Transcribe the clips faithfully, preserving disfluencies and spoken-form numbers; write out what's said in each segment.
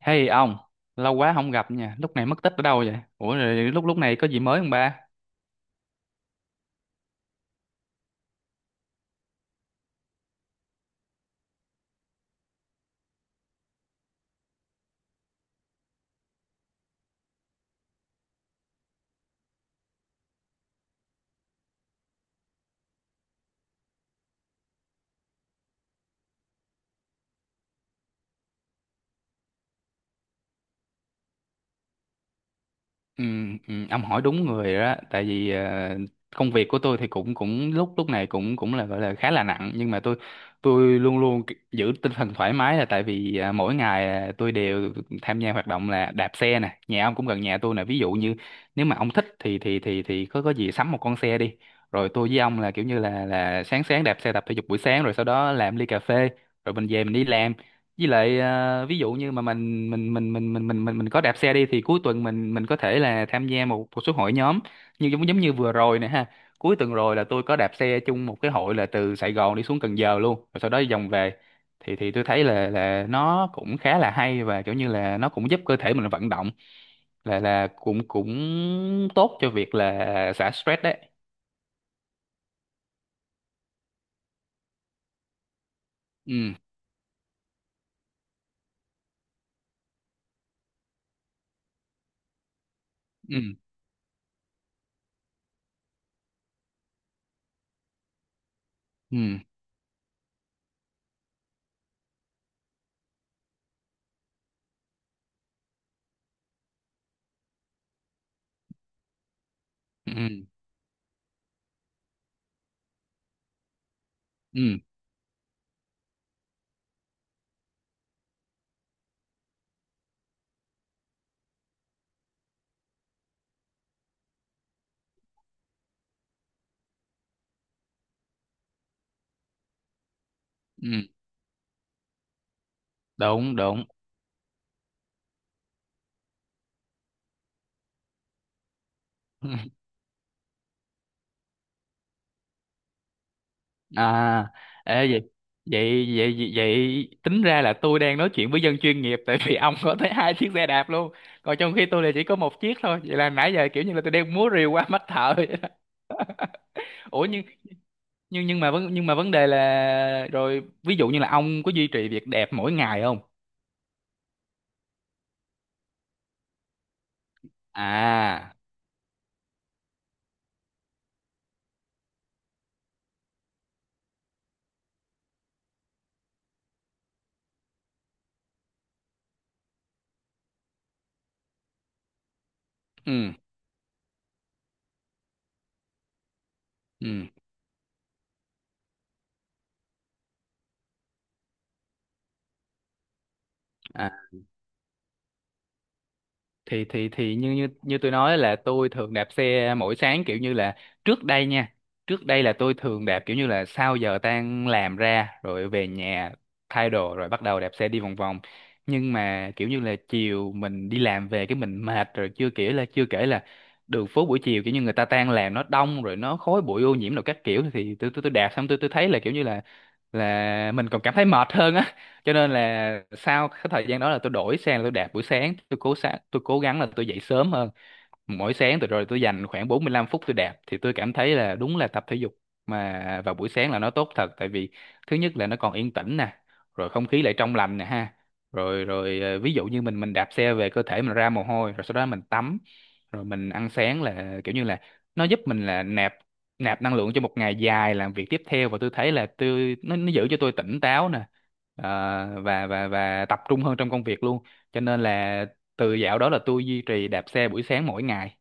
Hey ông, lâu quá không gặp nha, lúc này mất tích ở đâu vậy? Ủa rồi lúc lúc này có gì mới không ba? Ừ, ừ, ông hỏi đúng người rồi đó, tại vì ờ, công việc của tôi thì cũng cũng lúc lúc này cũng cũng là gọi là khá là nặng nhưng mà tôi tôi luôn luôn k- giữ tinh thần thoải mái là tại vì à, mỗi ngày à, tôi đều tham gia hoạt động là đạp xe nè, nhà ông cũng gần nhà tôi nè, ví dụ như nếu mà ông thích thì thì thì thì có có gì sắm một con xe đi. Rồi tôi với ông là kiểu như là là sáng sáng đạp xe tập thể dục buổi sáng rồi sau đó làm ly cà phê rồi mình về mình đi làm với lại à, ví dụ như mà mình mình mình mình mình mình mình mình có đạp xe đi thì cuối tuần mình mình có thể là tham gia một một số hội nhóm như giống giống như vừa rồi nè ha, cuối tuần rồi là tôi có đạp xe chung một cái hội là từ Sài Gòn đi xuống Cần Giờ luôn, rồi sau đó vòng về. Thì thì tôi thấy là là nó cũng khá là hay và kiểu như là nó cũng giúp cơ thể mình vận động, là là cũng cũng tốt cho việc là xả stress đấy. ừ ừ ừ ừ ừ ừ ừ, đúng đúng. À, ê, vậy, vậy vậy vậy vậy tính ra là tôi đang nói chuyện với dân chuyên nghiệp tại vì ông có tới hai chiếc xe đạp luôn. Còn trong khi tôi là chỉ có một chiếc thôi. Vậy là nãy giờ kiểu như là tôi đang múa rìu qua mắt thợ. Vậy đó. Ủa nhưng nhưng nhưng mà vấn nhưng mà vấn đề là rồi ví dụ như là ông có duy trì việc đẹp mỗi ngày không? À, ừ, ừ. à. thì thì thì như như như tôi nói là tôi thường đạp xe mỗi sáng kiểu như là trước đây nha, trước đây là tôi thường đạp kiểu như là sau giờ tan làm ra rồi về nhà thay đồ rồi bắt đầu đạp xe đi vòng vòng, nhưng mà kiểu như là chiều mình đi làm về cái mình mệt rồi, chưa kể là chưa kể là đường phố buổi chiều kiểu như người ta tan làm nó đông rồi nó khói bụi ô nhiễm rồi các kiểu, thì tôi tôi tôi đạp xong tôi tôi thấy là kiểu như là là mình còn cảm thấy mệt hơn á, cho nên là sau cái thời gian đó là tôi đổi sang là tôi đạp buổi sáng, tôi cố sáng, tôi cố gắng là tôi dậy sớm hơn mỗi sáng, tôi rồi tôi dành khoảng bốn mươi lăm phút tôi đạp thì tôi cảm thấy là đúng là tập thể dục mà vào buổi sáng là nó tốt thật, tại vì thứ nhất là nó còn yên tĩnh nè, rồi không khí lại trong lành nè ha, rồi rồi ờ, ví dụ như mình mình đạp xe về cơ thể mình ra mồ hôi rồi sau đó mình tắm rồi mình ăn sáng, là kiểu như là nó giúp mình là nạp nạp năng lượng cho một ngày dài làm việc tiếp theo, và tôi thấy là tôi nó, nó giữ cho tôi tỉnh táo nè. Ờ, và và và tập trung hơn trong công việc luôn, cho nên là từ dạo đó là tôi duy trì đạp xe buổi sáng mỗi ngày,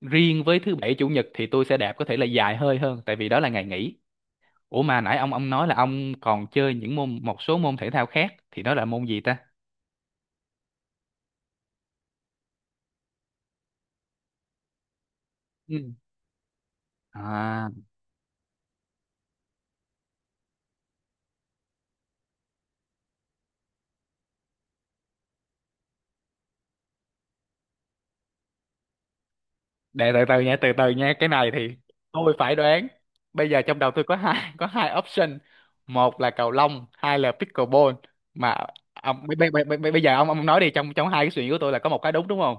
riêng với thứ bảy chủ nhật thì tôi sẽ đạp có thể là dài hơi hơn tại vì đó là ngày nghỉ. Ủa mà nãy ông ông nói là ông còn chơi những môn một số môn thể thao khác thì đó là môn gì ta? Ừ. à, để từ từ nha, từ từ nha, cái này thì tôi phải đoán. Bây giờ trong đầu tôi có hai có hai option, một là cầu lông, hai là pickleball. Mà ông bây, bây, bây, bây bây giờ ông ông nói đi, trong trong hai cái suy nghĩ của tôi là có một cái đúng, đúng không?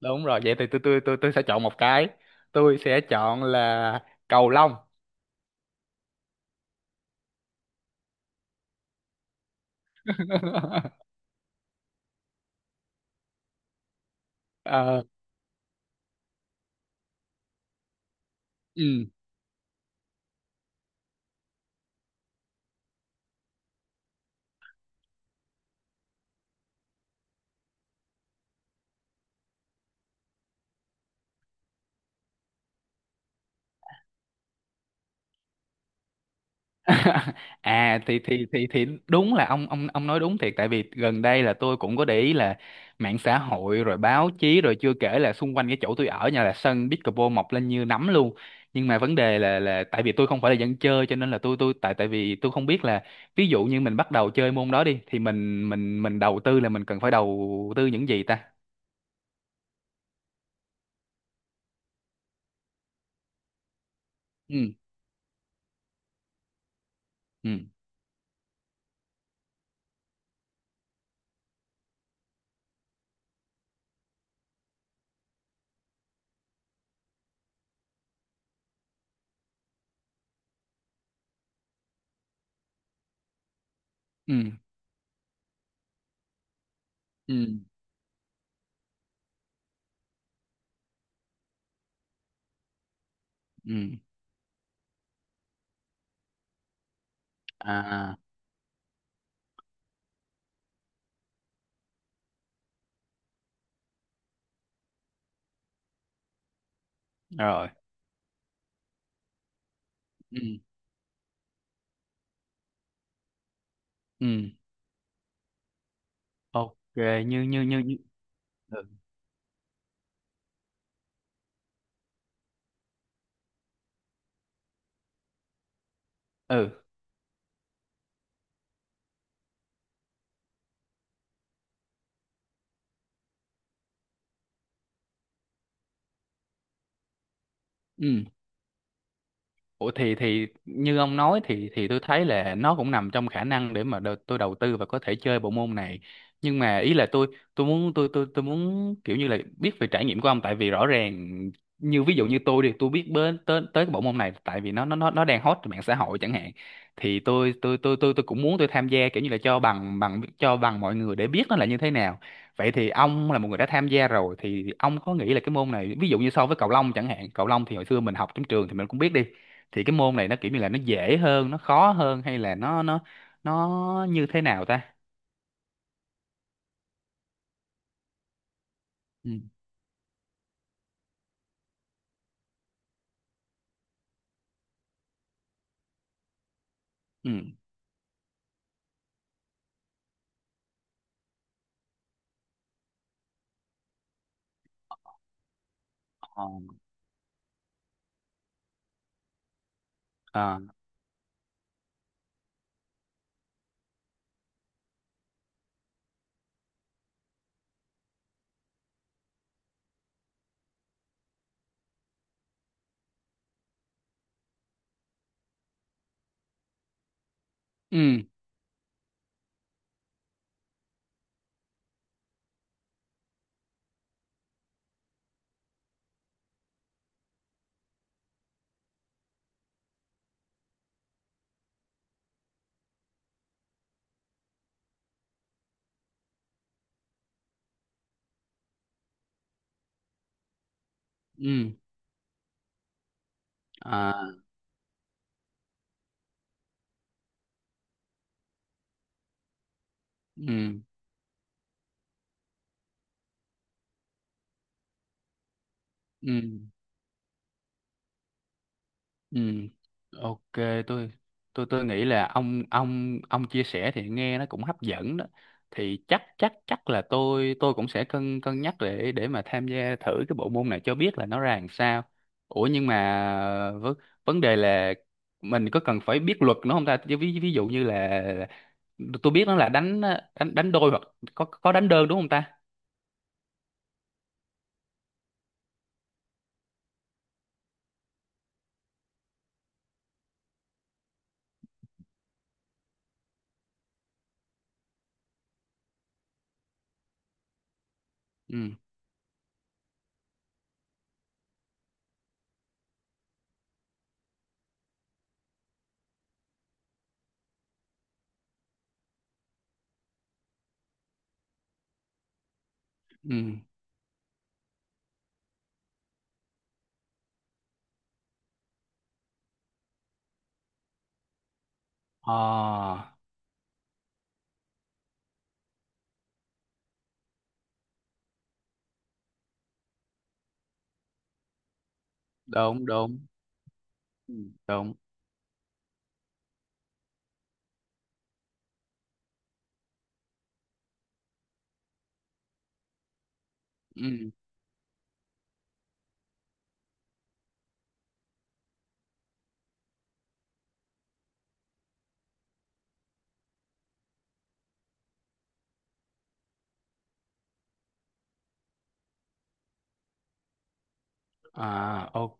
Đúng rồi. Vậy thì tôi tôi tôi tôi sẽ chọn một cái, tôi sẽ chọn là cầu lông. Ờ, ừ. à, thì thì thì thì đúng là ông ông ông nói đúng thiệt, tại vì gần đây là tôi cũng có để ý là mạng xã hội rồi báo chí rồi chưa kể là xung quanh cái chỗ tôi ở nhà là sân pickleball mọc lên như nấm luôn. Nhưng mà vấn đề là là tại vì tôi không phải là dân chơi cho nên là tôi tôi tại tại vì tôi không biết là ví dụ như mình bắt đầu chơi môn đó đi thì mình mình mình đầu tư là mình cần phải đầu tư những gì ta? Ừ ừ ừ ừ ừ à rồi ừ ừ ok như như như, như. Ừ Ừ. ừ Ủa thì thì như ông nói thì thì tôi thấy là nó cũng nằm trong khả năng để mà đo- tôi đầu tư và có thể chơi bộ môn này. Nhưng mà ý là tôi tôi muốn tôi tôi tôi muốn kiểu như là biết về trải nghiệm của ông, tại vì rõ ràng như ví dụ như tôi đi, tôi biết đến tới tới cái bộ môn này tại vì nó nó nó nó đang hot trên mạng xã hội chẳng hạn. Thì tôi tôi tôi tôi tôi cũng muốn tôi tham gia kiểu như là cho bằng bằng cho bằng mọi người để biết nó là như thế nào. Vậy thì ông là một người đã tham gia rồi thì ông có nghĩ là cái môn này ví dụ như so với cầu lông chẳng hạn, cầu lông thì hồi xưa mình học trong trường thì mình cũng biết đi, thì cái môn này nó kiểu như là nó dễ hơn, nó khó hơn, hay là nó nó nó như thế nào ta? Ừ ừ ờ, ờ, ừ ừ à, ừ ừ Ừ, ok, tôi tôi tôi nghĩ là ông ông ông chia sẻ thì nghe nó cũng hấp dẫn đó, thì chắc chắc chắc là tôi tôi cũng sẽ cân cân nhắc để để mà tham gia thử cái bộ môn này cho biết là nó ra làm sao. Ủa nhưng mà vấn vấn đề là mình có cần phải biết luật nữa không ta, ví ví dụ như là tôi biết nó là đánh đánh đánh đôi hoặc có có đánh đơn đúng không ta? Ừ ừ ờ đúng đúng Ừ. đúng ừ À ok,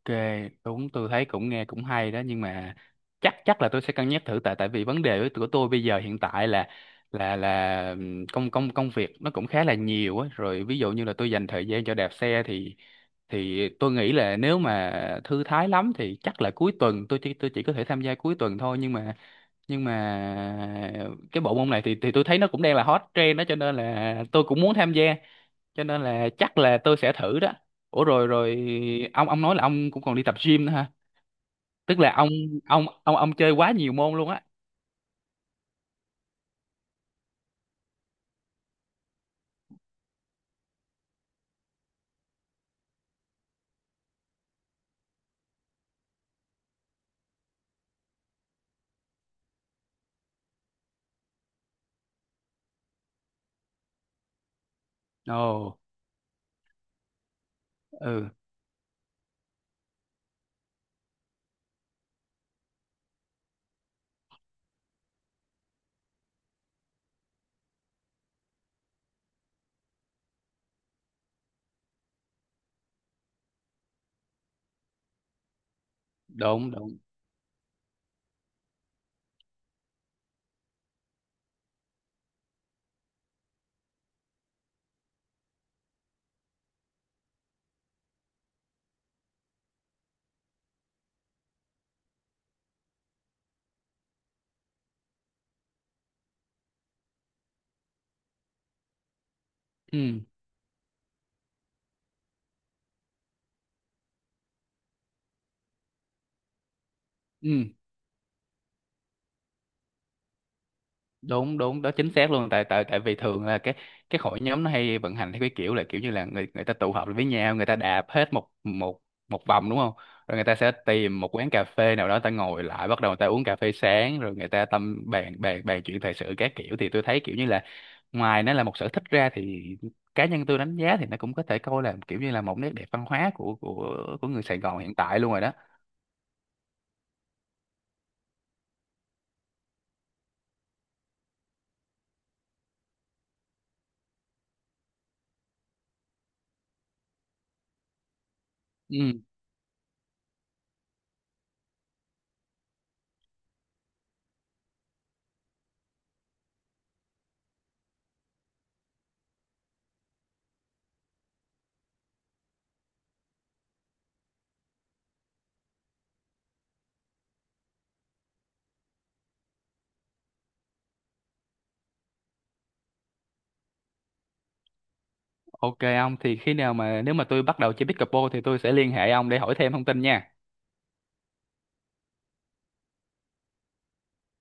đúng, tôi thấy cũng nghe cũng hay đó, nhưng mà chắc chắc là tôi sẽ cân nhắc thử, tại tại vì vấn đề của tôi bây giờ hiện tại là là là ừm, công công công việc nó cũng khá là nhiều á, rồi ví dụ như là tôi dành thời gian cho đạp xe thì thì tôi nghĩ là nếu mà thư thái lắm thì chắc là cuối tuần, tôi chỉ tôi chỉ có thể tham gia cuối tuần thôi, nhưng mà nhưng mà cái bộ môn này thì thì tôi thấy nó cũng đang là hot trend đó cho nên là tôi cũng muốn tham gia, cho nên là chắc là tôi sẽ thử đó. Ủa rồi rồi ông ông nói là ông cũng còn đi tập gym nữa ha, tức là ông ông ông ông chơi quá nhiều môn luôn á. Ồ ừ đúng đúng ừ ừ Đúng đúng đó, chính xác luôn, tại tại tại vì thường là cái cái hội nhóm nó hay vận hành theo cái kiểu là kiểu như là người người ta tụ họp lại với nhau, người ta đạp hết một một một vòng đúng không, rồi người ta sẽ tìm một quán cà phê nào đó, người ta ngồi lại bắt đầu người ta uống cà phê sáng, rồi người ta tâm bàn bàn bàn chuyện thời sự các kiểu, thì tôi thấy kiểu như là ngoài nó là một sở thích ra thì cá nhân tôi đánh giá thì nó cũng có thể coi là kiểu như là một nét đẹp văn hóa của của của người Sài Gòn hiện tại luôn rồi đó. Ừ ok, ông thì khi nào mà nếu mà tôi bắt đầu chơi pickleball thì tôi sẽ liên hệ ông để hỏi thêm thông tin nha.